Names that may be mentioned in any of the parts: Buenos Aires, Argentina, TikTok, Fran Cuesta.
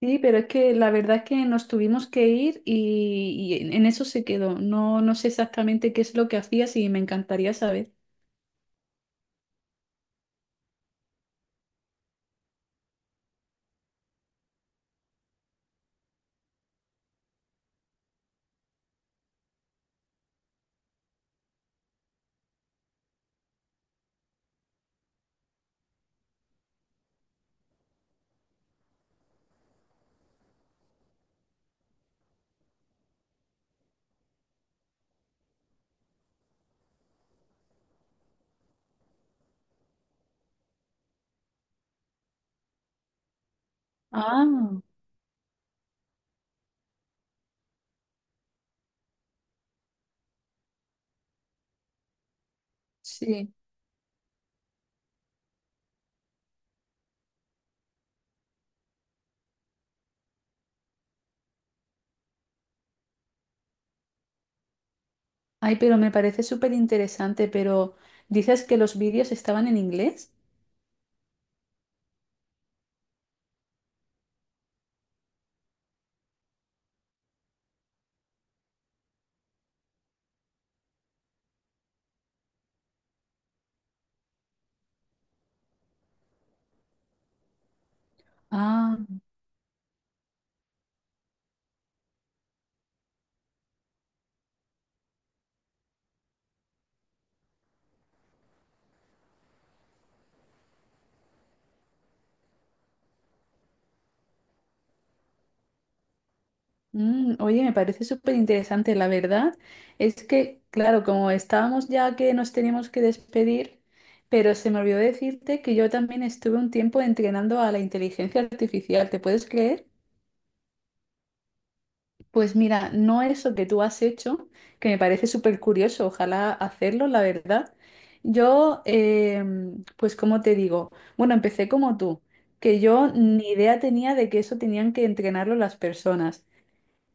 Sí, pero es que la verdad es que nos tuvimos que ir y en eso se quedó. No sé exactamente qué es lo que hacías y me encantaría saber. Ah, sí. Ay, pero me parece súper interesante, pero dices que los vídeos estaban en inglés. Ah, mm, oye, me parece súper interesante. La verdad es que, claro, como estábamos ya que nos teníamos que despedir, pero se me olvidó decirte que yo también estuve un tiempo entrenando a la inteligencia artificial, ¿te puedes creer? Pues mira, no eso que tú has hecho, que me parece súper curioso, ojalá hacerlo, la verdad. Yo, pues como te digo, bueno, empecé como tú, que yo ni idea tenía de que eso tenían que entrenarlo las personas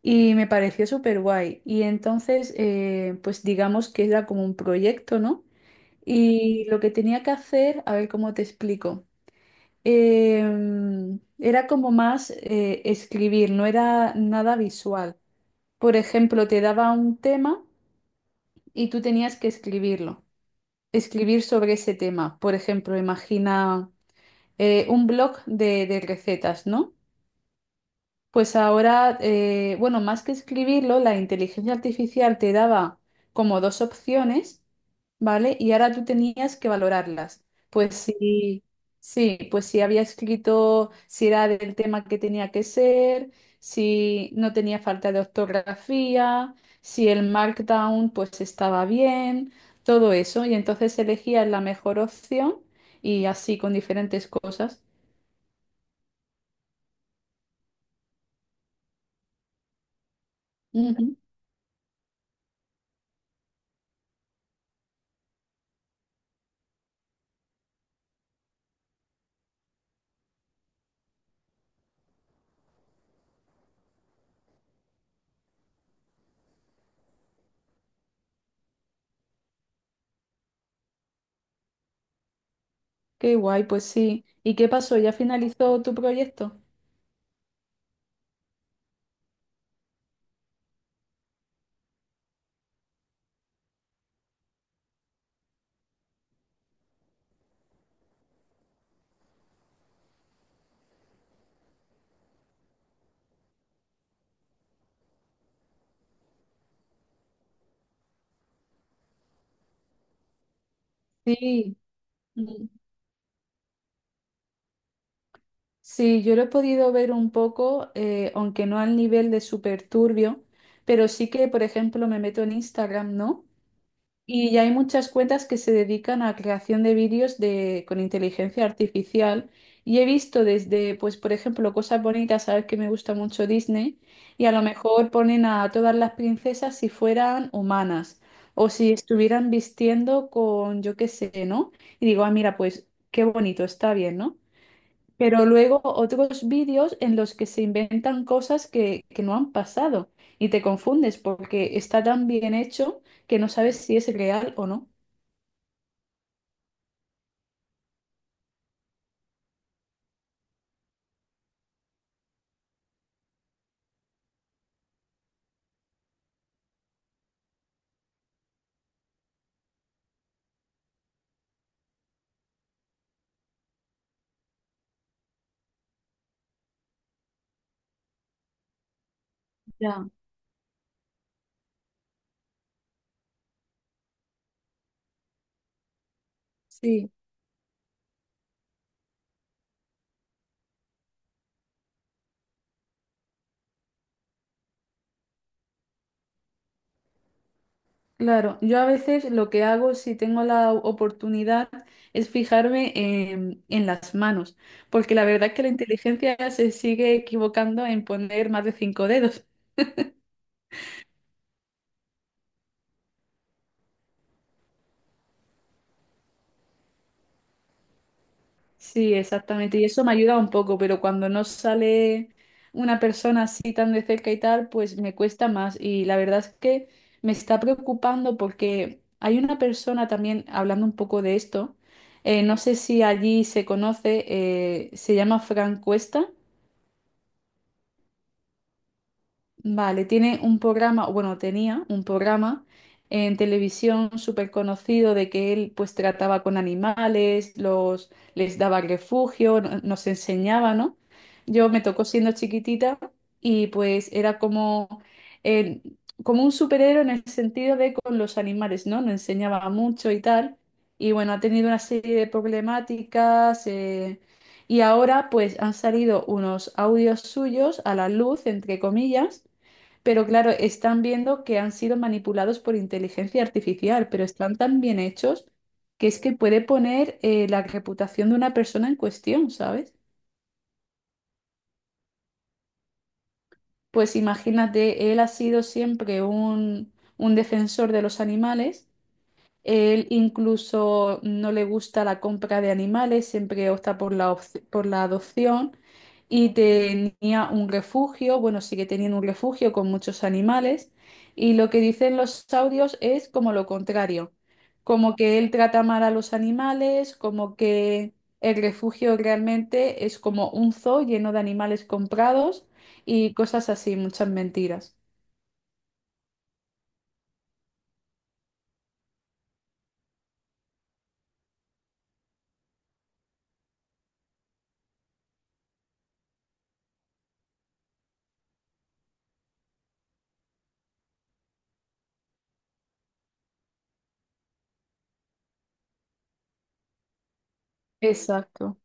y me pareció súper guay. Y entonces, pues digamos que era como un proyecto, ¿no? Y lo que tenía que hacer, a ver cómo te explico. Era como más escribir, no era nada visual. Por ejemplo, te daba un tema y tú tenías que escribirlo, escribir sobre ese tema. Por ejemplo, imagina un blog de recetas, ¿no? Pues ahora, bueno, más que escribirlo, la inteligencia artificial te daba como dos opciones, ¿vale? Y ahora tú tenías que valorarlas. Pues sí, sí, pues si había escrito, si era del tema que tenía que ser, si no tenía falta de ortografía, si el markdown pues estaba bien, todo eso. Y entonces elegías la mejor opción y así con diferentes cosas. Qué guay, pues sí. ¿Y qué pasó? ¿Ya finalizó tu proyecto? Sí, mm, sí, yo lo he podido ver un poco, aunque no al nivel de súper turbio, pero sí que, por ejemplo, me meto en Instagram, ¿no? Y ya hay muchas cuentas que se dedican a creación de vídeos de, con inteligencia artificial. Y he visto desde, pues, por ejemplo, cosas bonitas, sabes que me gusta mucho Disney, y a lo mejor ponen a todas las princesas si fueran humanas o si estuvieran vistiendo con, yo qué sé, ¿no? Y digo, ah, mira, pues qué bonito, está bien, ¿no? Pero luego otros vídeos en los que se inventan cosas que no han pasado y te confundes porque está tan bien hecho que no sabes si es real o no. Ya. Sí, claro. Yo a veces lo que hago si tengo la oportunidad es fijarme en las manos, porque la verdad es que la inteligencia se sigue equivocando en poner más de cinco dedos. Sí, exactamente. Y eso me ayuda un poco, pero cuando no sale una persona así tan de cerca y tal, pues me cuesta más. Y la verdad es que me está preocupando porque hay una persona también hablando un poco de esto. No sé si allí se conoce, se llama Fran Cuesta. Vale, tiene un programa, bueno, tenía un programa en televisión súper conocido de que él pues trataba con animales, los, les daba refugio, nos enseñaba, ¿no? Yo me tocó siendo chiquitita y pues era como, eh, como un superhéroe en el sentido de con los animales, ¿no? Nos enseñaba mucho y tal. Y bueno, ha tenido una serie de problemáticas. Y ahora pues han salido unos audios suyos a la luz, entre comillas, pero claro, están viendo que han sido manipulados por inteligencia artificial, pero están tan bien hechos que es que puede poner la reputación de una persona en cuestión, ¿sabes? Pues imagínate, él ha sido siempre un defensor de los animales. Él incluso no le gusta la compra de animales, siempre opta por por la adopción, y tenía un refugio, bueno, sigue teniendo un refugio con muchos animales, y lo que dicen los audios es como lo contrario, como que él trata mal a los animales, como que el refugio realmente es como un zoo lleno de animales comprados y cosas así, muchas mentiras. Exacto.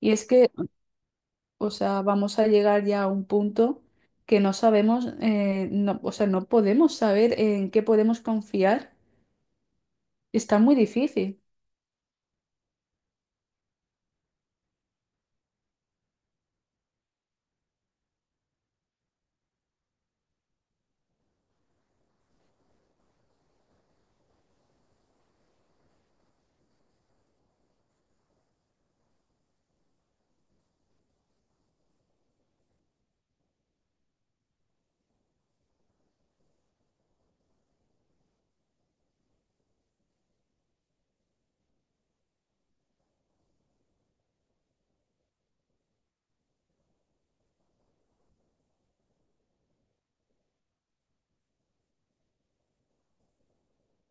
Y es que... O sea, vamos a llegar ya a un punto que no sabemos, no, o sea, no podemos saber en qué podemos confiar. Está muy difícil.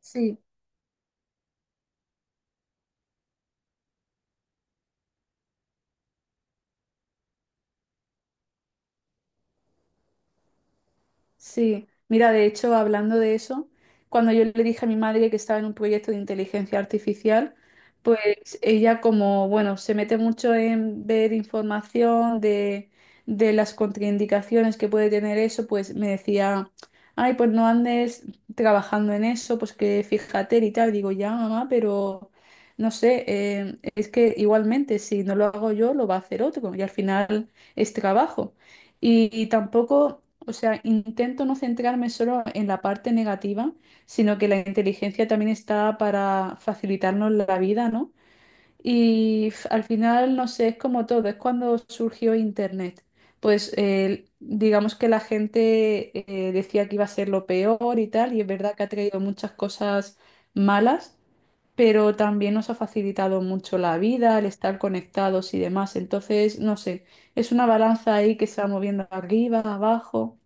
Sí. Sí, mira, de hecho, hablando de eso, cuando yo le dije a mi madre que estaba en un proyecto de inteligencia artificial, pues ella como, bueno, se mete mucho en ver información de las contraindicaciones que puede tener eso, pues me decía, ay, pues no andes trabajando en eso, pues que fíjate y tal. Digo, ya, mamá, pero no sé, es que igualmente si no lo hago yo, lo va a hacer otro y al final es trabajo. Y tampoco... O sea, intento no centrarme solo en la parte negativa, sino que la inteligencia también está para facilitarnos la vida, ¿no? Y al final, no sé, es como todo, es cuando surgió Internet. Pues digamos que la gente decía que iba a ser lo peor y tal, y es verdad que ha traído muchas cosas malas, pero también nos ha facilitado mucho la vida, el estar conectados y demás. Entonces, no sé, es una balanza ahí que se va moviendo arriba, abajo.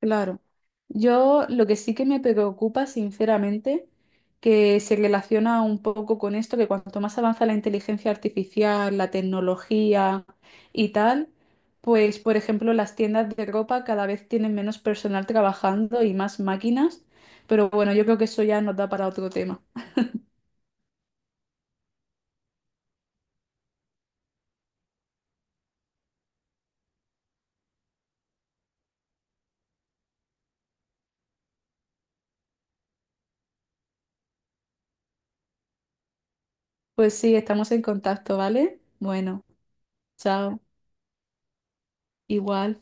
Claro. Yo lo que sí que me preocupa, sinceramente, que se relaciona un poco con esto, que cuanto más avanza la inteligencia artificial, la tecnología y tal, pues, por ejemplo, las tiendas de ropa cada vez tienen menos personal trabajando y más máquinas, pero bueno, yo creo que eso ya nos da para otro tema. Pues sí, estamos en contacto, ¿vale? Bueno, chao, igual.